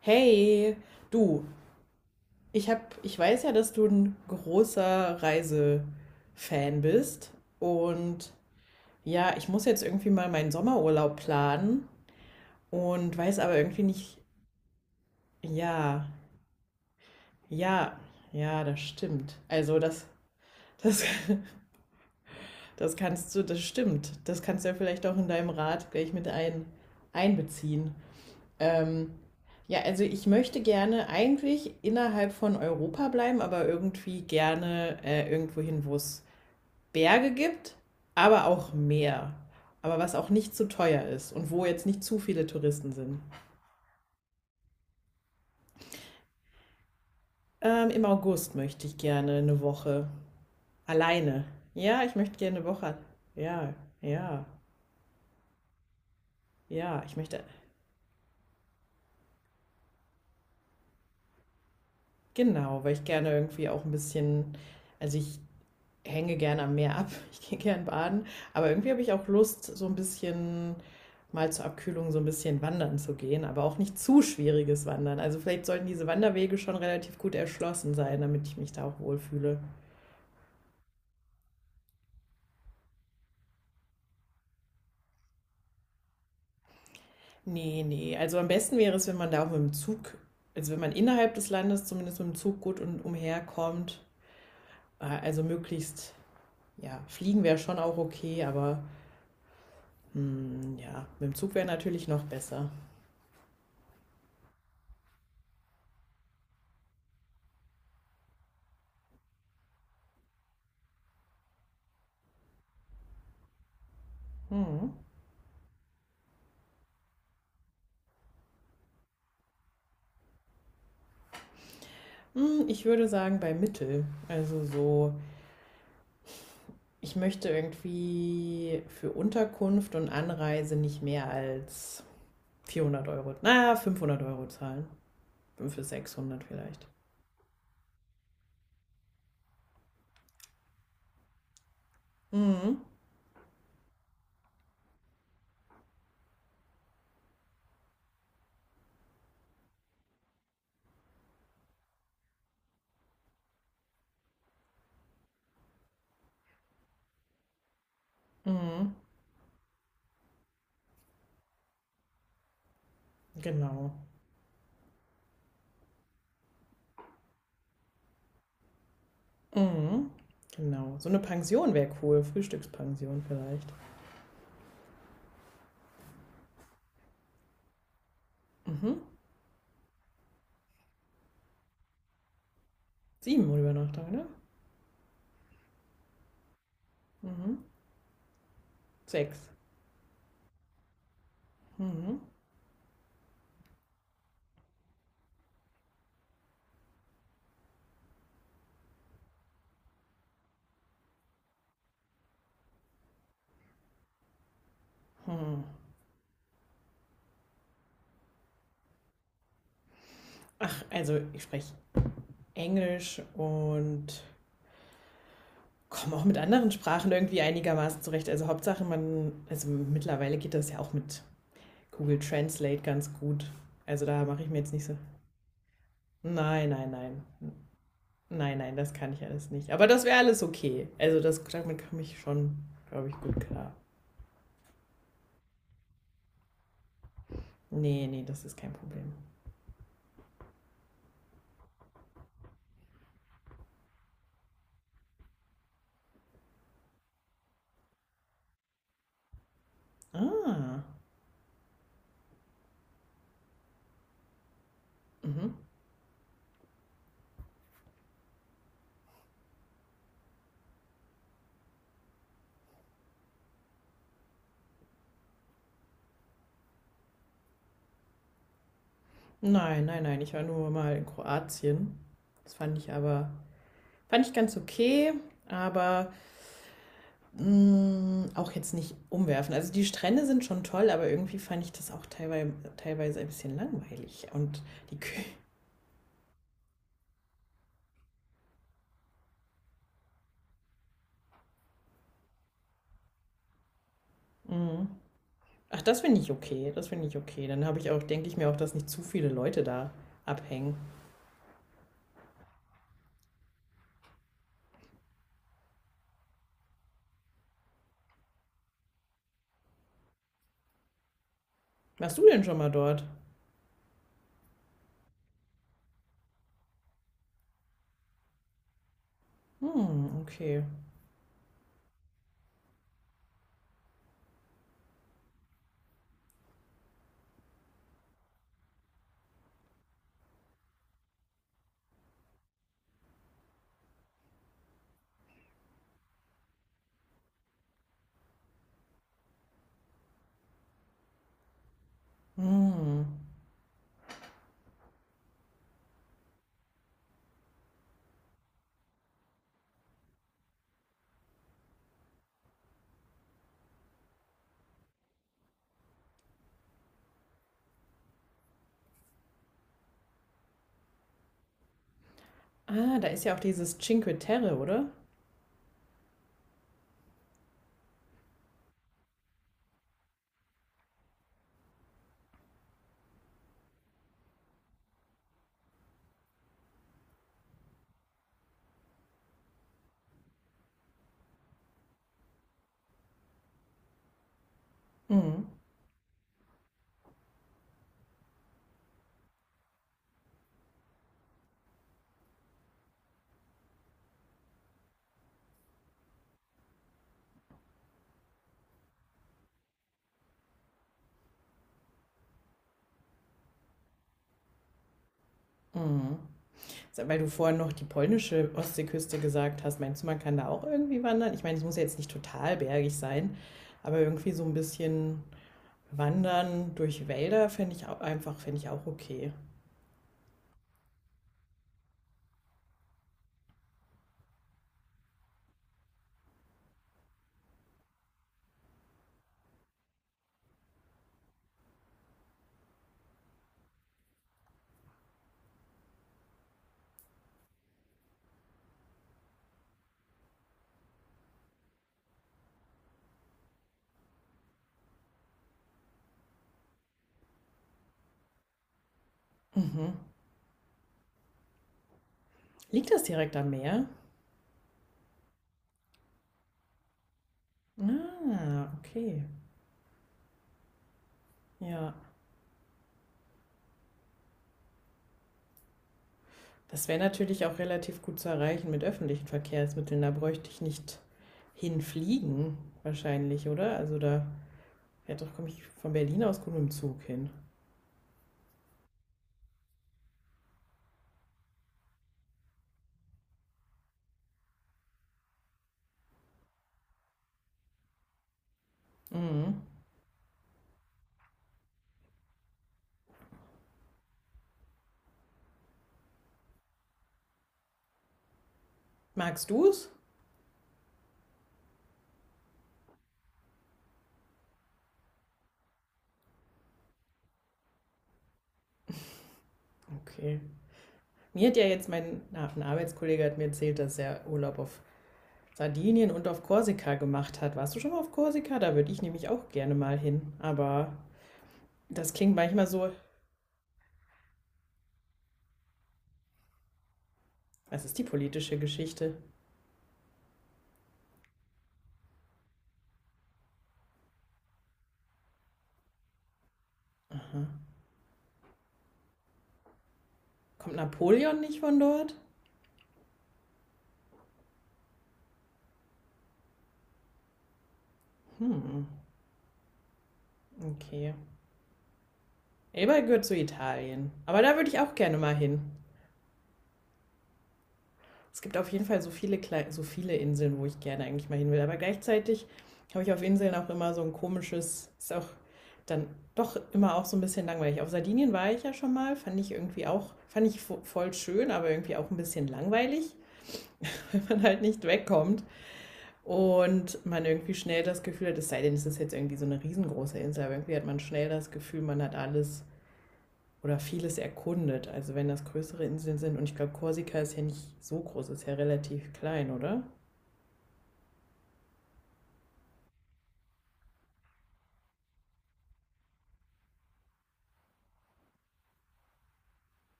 Hey, du, ich weiß ja, dass du ein großer Reisefan bist und ja, ich muss jetzt irgendwie mal meinen Sommerurlaub planen und weiß aber irgendwie nicht, ja, ja, ja, das stimmt. Das, das kannst du, das stimmt. Das kannst du ja vielleicht auch in deinem Rat gleich einbeziehen. Ähm, ja, also ich möchte gerne eigentlich innerhalb von Europa bleiben, aber irgendwie gerne irgendwo hin, wo es Berge gibt, aber auch Meer. Aber was auch nicht zu teuer ist und wo jetzt nicht zu viele Touristen sind. Im August möchte ich gerne eine Woche alleine. Ja, ich möchte gerne eine Woche. Ja, ja, ja, ich möchte. Genau, weil ich gerne irgendwie auch ein bisschen. Also ich hänge gerne am Meer ab, ich gehe gern baden, aber irgendwie habe ich auch Lust, so ein bisschen mal zur Abkühlung so ein bisschen wandern zu gehen, aber auch nicht zu schwieriges Wandern. Also vielleicht sollten diese Wanderwege schon relativ gut erschlossen sein, damit ich mich da auch wohlfühle. Nee, nee, also am besten wäre es, wenn man da auch mit dem Zug, also wenn man innerhalb des Landes zumindest mit dem Zug gut und umherkommt. Also möglichst, ja, fliegen wäre schon auch okay, aber hm, ja, mit dem Zug wäre natürlich noch besser. Hm. Hm, ich würde sagen, bei Mittel. Also so, ich möchte irgendwie für Unterkunft und Anreise nicht mehr als 400 Euro, naja, 500 Euro zahlen. 500 bis 600 vielleicht. Mhm. Mhm. Genau. Mhm. Genau. So eine Pension wäre cool. Frühstückspension vielleicht. Mhm. Sieben Übernachtungen, ne? Mhm. Sechs. Mhm. Ach, also ich spreche Englisch und komme auch mit anderen Sprachen irgendwie einigermaßen zurecht. Also Hauptsache man, also mittlerweile geht das ja auch mit Google Translate ganz gut. Also da mache ich mir jetzt nicht so, nein, nein, nein, nein, nein, das kann ich alles nicht. Aber das wäre alles okay. Also das, damit komme ich schon, glaube ich, gut klar. Nee, nee, das ist kein Problem. Ah, mhm. Nein, nein, nein, ich war nur mal in Kroatien. Das fand ich aber, fand ich ganz okay, aber mm, auch jetzt nicht umwerfen. Also die Strände sind schon toll, aber irgendwie fand ich das auch teilweise ein bisschen langweilig. Und die Kü mm. Ach, das finde ich okay. Das finde ich okay. Dann habe ich auch, denke ich mir auch, dass nicht zu viele Leute da abhängen. Warst du denn schon mal dort? Hm, okay. Hm. Ah, da ist ja auch dieses Cinque Terre, oder? Hm. Hm. Weil du vorhin noch die polnische Ostseeküste gesagt hast, meinst du, man kann da auch irgendwie wandern? Ich meine, es muss ja jetzt nicht total bergig sein, aber irgendwie so ein bisschen wandern durch Wälder finde ich auch einfach, finde ich auch okay. Mhm. Liegt das direkt am Meer? Ah, okay. Ja. Das wäre natürlich auch relativ gut zu erreichen mit öffentlichen Verkehrsmitteln. Da bräuchte ich nicht hinfliegen, wahrscheinlich, oder? Also da ja, doch komme ich von Berlin aus gut mit dem Zug hin. Mhm. Magst du es? Okay. Mir hat ja jetzt ein Arbeitskollege hat mir erzählt, dass er Urlaub auf Sardinien und auf Korsika gemacht hat. Warst du schon mal auf Korsika? Da würde ich nämlich auch gerne mal hin. Aber das klingt manchmal so, was ist die politische Geschichte? Aha. Kommt Napoleon nicht von dort? Hm, okay. Elba gehört zu Italien. Aber da würde ich auch gerne mal hin. Es gibt auf jeden Fall so viele, Kle so viele Inseln, wo ich gerne eigentlich mal hin will. Aber gleichzeitig habe ich auf Inseln auch immer so ein komisches, ist auch dann doch immer auch so ein bisschen langweilig. Auf Sardinien war ich ja schon mal, fand ich irgendwie auch, fand ich voll schön, aber irgendwie auch ein bisschen langweilig, wenn man halt nicht wegkommt und man irgendwie schnell das Gefühl hat, es sei denn, es ist jetzt irgendwie so eine riesengroße Insel, aber irgendwie hat man schnell das Gefühl, man hat alles oder vieles erkundet. Also wenn das größere Inseln sind und ich glaube, Korsika ist ja nicht so groß, ist ja relativ klein, oder?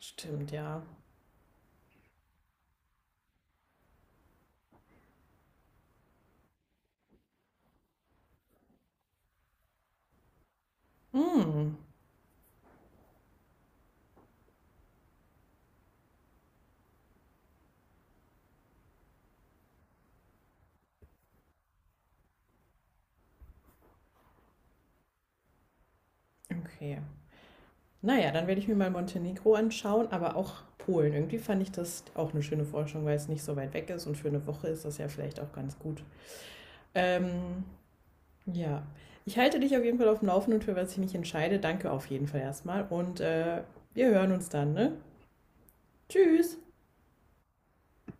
Stimmt, ja. Mm, okay. Naja, dann werde ich mir mal Montenegro anschauen, aber auch Polen. Irgendwie fand ich das auch eine schöne Forschung, weil es nicht so weit weg ist und für eine Woche ist das ja vielleicht auch ganz gut. Ähm, ja. Ich halte dich auf jeden Fall auf dem Laufenden für was ich mich entscheide. Danke auf jeden Fall erstmal und wir hören uns dann, ne? Tschüss!